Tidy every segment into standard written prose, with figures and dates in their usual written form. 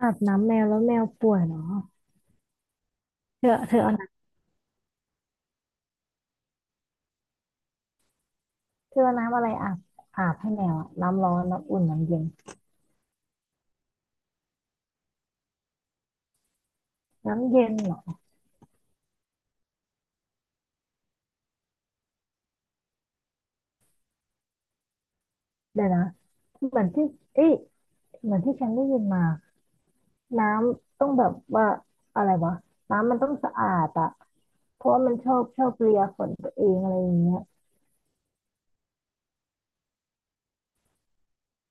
อาบน้ำแมวแล้วแมวป่วยเหรอเธอเอาน้ำเธอเอาน้ำอะไรอาบ อาบให้แมวอะน้ำร้อนน้ำอุ่นน้ำเย็นน้ำเย็นเหรอเดี๋ยวนะเหมือนที่เอ้ยเหมือนที่ฉันได้ยินมาน้ำต้องแบบว่าอะไรวะน้ำมันต้องสะอาดอะเพราะว่ามันชอบเลียขนตัวเองอะไรอย่างเงี้ย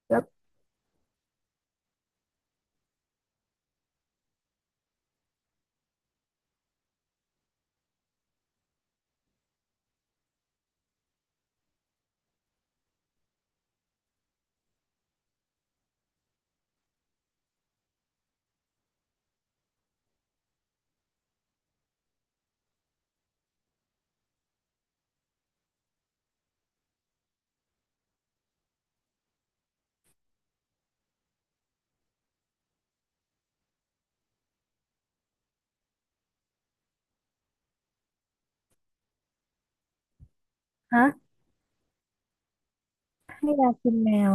แล้วฮะให้ยากินแมว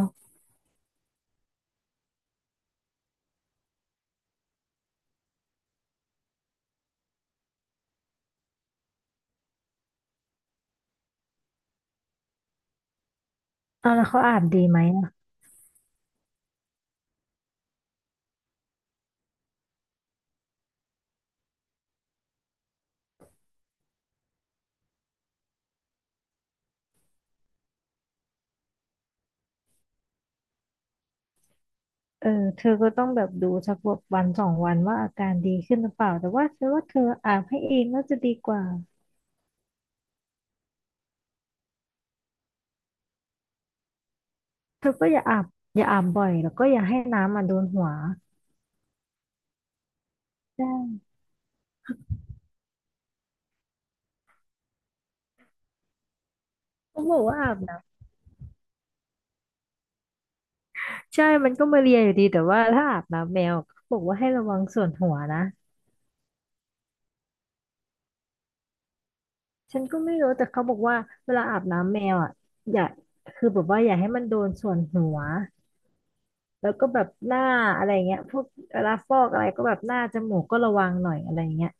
เอาแล้วเขาอาบดีไหมอะเออเธอก็ต้องแบบดูสักวันสองวันว่าอาการดีขึ้นหรือเปล่าแต่ว่าฉันว่าเธออาบให้เองน่าจะดีกว่า เธอก็อย่าอาบอย่าอาบบ่อยแล้วก็อย่าให้น้ำมาโดนหัวใช่เขาบอกว่าอาบน้ำใช่มันก็มาเลียอยู่ดีแต่ว่าถ้าอาบน้ำแมวเขาบอกว่าให้ระวังส่วนหัวนะฉันก็ไม่รู้แต่เขาบอกว่าเวลาอาบน้ำแมวอ่ะอย่าคือแบบว่าอย่าให้มันโดนส่วนหัวแล้วก็แบบหน้าอะไรเงี้ยพวกเวลาฟอกอะไรก็แบบหน้าจมูกก็ระวังหน่อยอะไรเงี้ย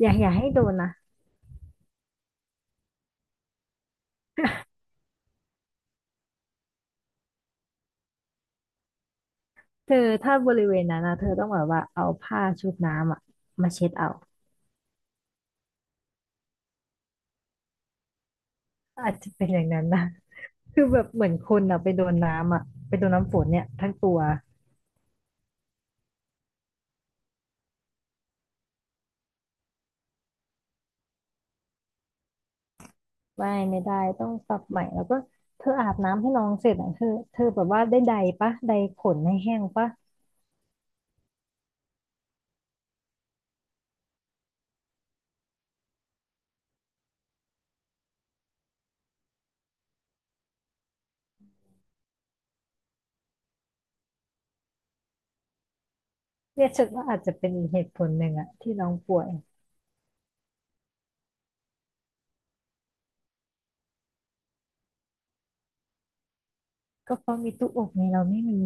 อย่าให้โดนนะเธอถ้าบริเวณนั้นนะเธอต้องแบบว่าเอาผ้าชุบน้ำอ่ะมาเช็ดเอาอาจจะเป็นอย่างนั้นนะ คือแบบเหมือนคนอะไปโดนน้ำอะไปโดนน้ำฝนเนี่ยทั้งตัวไม่ได้ต้องปรับใหม่แล้วก็เธออาบน้ำให้น้องเสร็จอ่ะเธอแบบว่าได้ใดปะใดขนให้แห้งปะเนี่ยฉันว่าอาจจะเป็นอีกเหตุผลหนึ่งอะที่น้องป่วยก็เพราะมีตู้อบไงเราไม่มี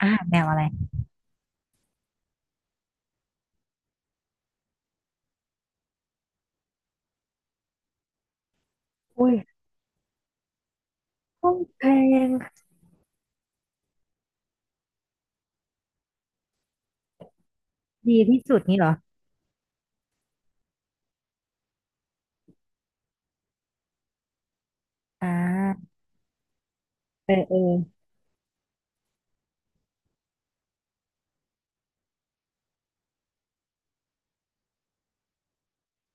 อ่าแนวอะไรอุ้ยห้องแพงดีที่สุดนี่เหรออ่าเออเออ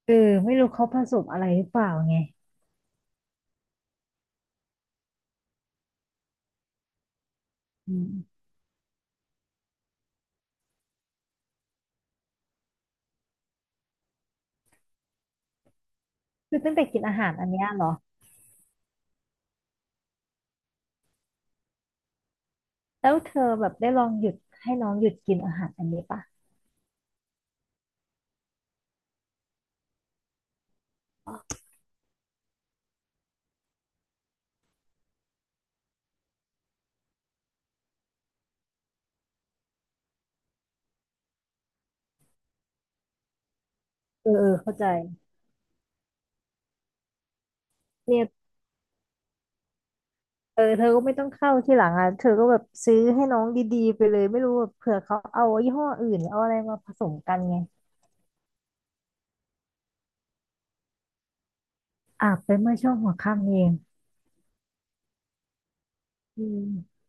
เออไม่รู้เขาผสมอะไรหรือเปล่าไงอืมคือตั้งแต่กินอาหารอันเนี้ยเหรอแล้วเธอแบบได้ลองหยุดให้น้องหยุดกินอาหารอันนี้ปะ เออเออเข้าใจเนี่ยเออเธอก็ไม่ต้องเข้าที่หลังอ่ะเธอก็แบบซื้อให้น้องดีๆไปเลยไม่รู้แบบเผื่อเขาเอายี่ห้ออื่นหรือเอาอะไรมาผสมกันไงอาบไปเมื่อช่วงหัวค่ำเองอืม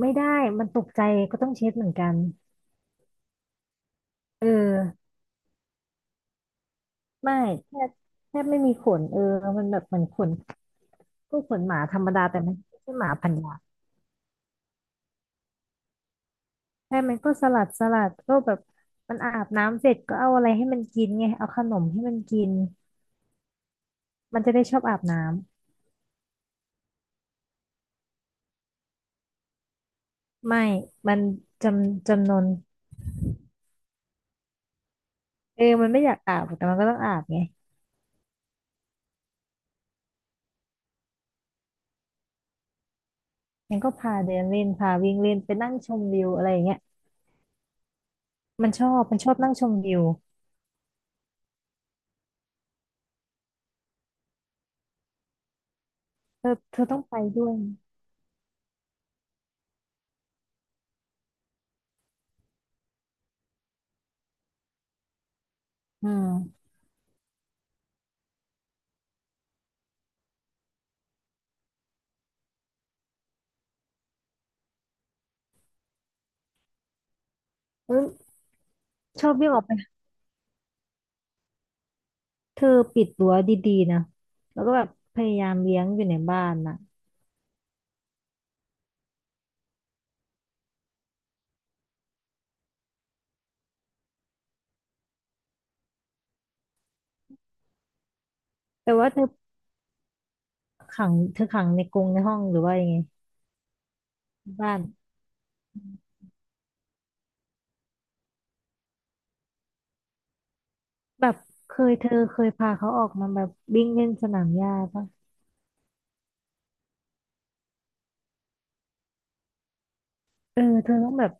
ไม่ได้มันตกใจก็ต้องเช็ดเหมือนกันเออไม่แทบแทบไม่มีขนเออมันแบบเหมือนขนก็ขนหมาธรรมดาแต่มันไม่ใช่หมาพันธุ์ยาใช่มันก็สลัดสลัดก็แบบมันอาบน้ำเสร็จก็เอาอะไรให้มันกินไงเอาขนมให้มันกินมันจะได้ชอบอาบน้ำ ไม่มันจำจำนนเออมันไม่อยากอาบแต่มันก็ต้องอาบไงมันก็พาเดินเล่นพาวิ่งเล่นไปนั่งชมวิวอะไรอย่างเงี้ยมันชอบนั่งชมวิวเธอต้องไปด้วยอืมเออชอบวิ่งออกไปเธอปิดรั้วดีๆนะแล้วก็แบบพยายามเลี้ยงอยู่ในบ้านนะแต่ว่าเธอขังเธอขังในกรงในห้องหรือว่ายังไงบ้านแบบเคยเธอเคยพาเขาออกมาแบบวิ่งเล่นสนามหญ้าปะเออเธอต้องแบบ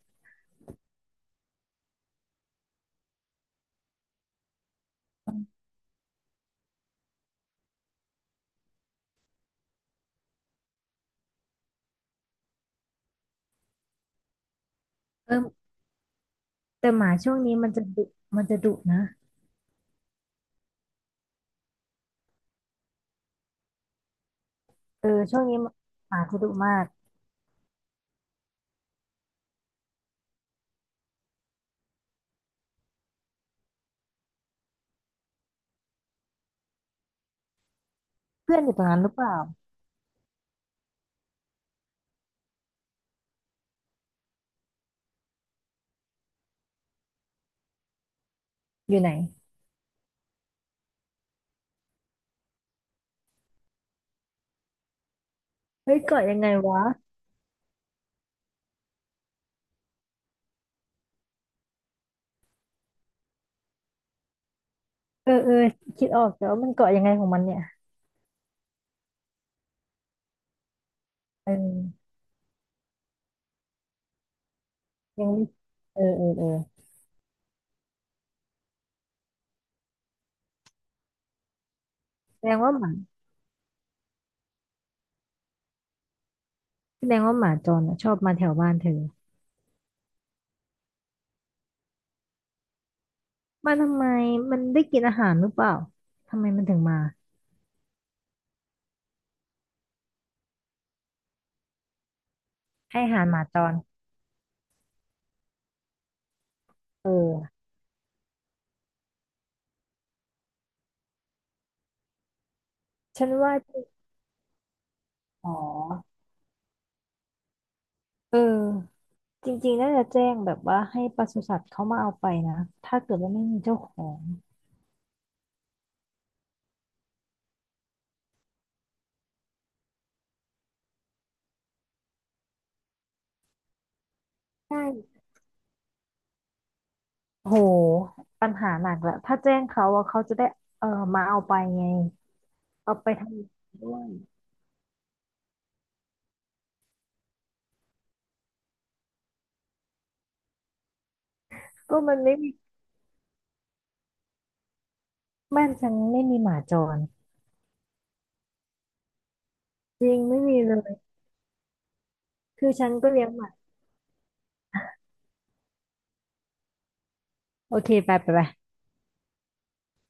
เออ แต่หมาช่วงนี้มันจะดุนะเออช่วงนี้หมาจะดุมากเพื่อนอยู่ตรงนั้นหรือเปล่าอยู่ไหนเฮ้ยเกาะยังไงวะเออเออคิดออกแต่ว่ามันเกาะยังไงของมันเนี่ยเออยังไม่เออเออเออแสดงว่าหมาแสดงว่าหมาจรอ่ะชอบมาแถวบ้านเธอมาทำไมมันได้กินอาหารหรือเปล่าทำไมมันถึงมาให้อาหารหมาจรเออฉันว่าจริงอ๋อเออจริงๆน่าจะแจ้งแบบว่าให้ปศุสัตว์เขามาเอาไปนะถ้าเกิดว่าไม่มีเจ้าของใช่ โหปัญหาหนักแหละถ้าแจ้งเขาอะเขาจะได้เออมาเอาไปไงเอาไปทำด้วยก็มันไม่มีบ้านฉันไม่มีหมาจรจริงไม่มีเลยคือฉันก็เลี้ยงหมาโอเคไปไปไป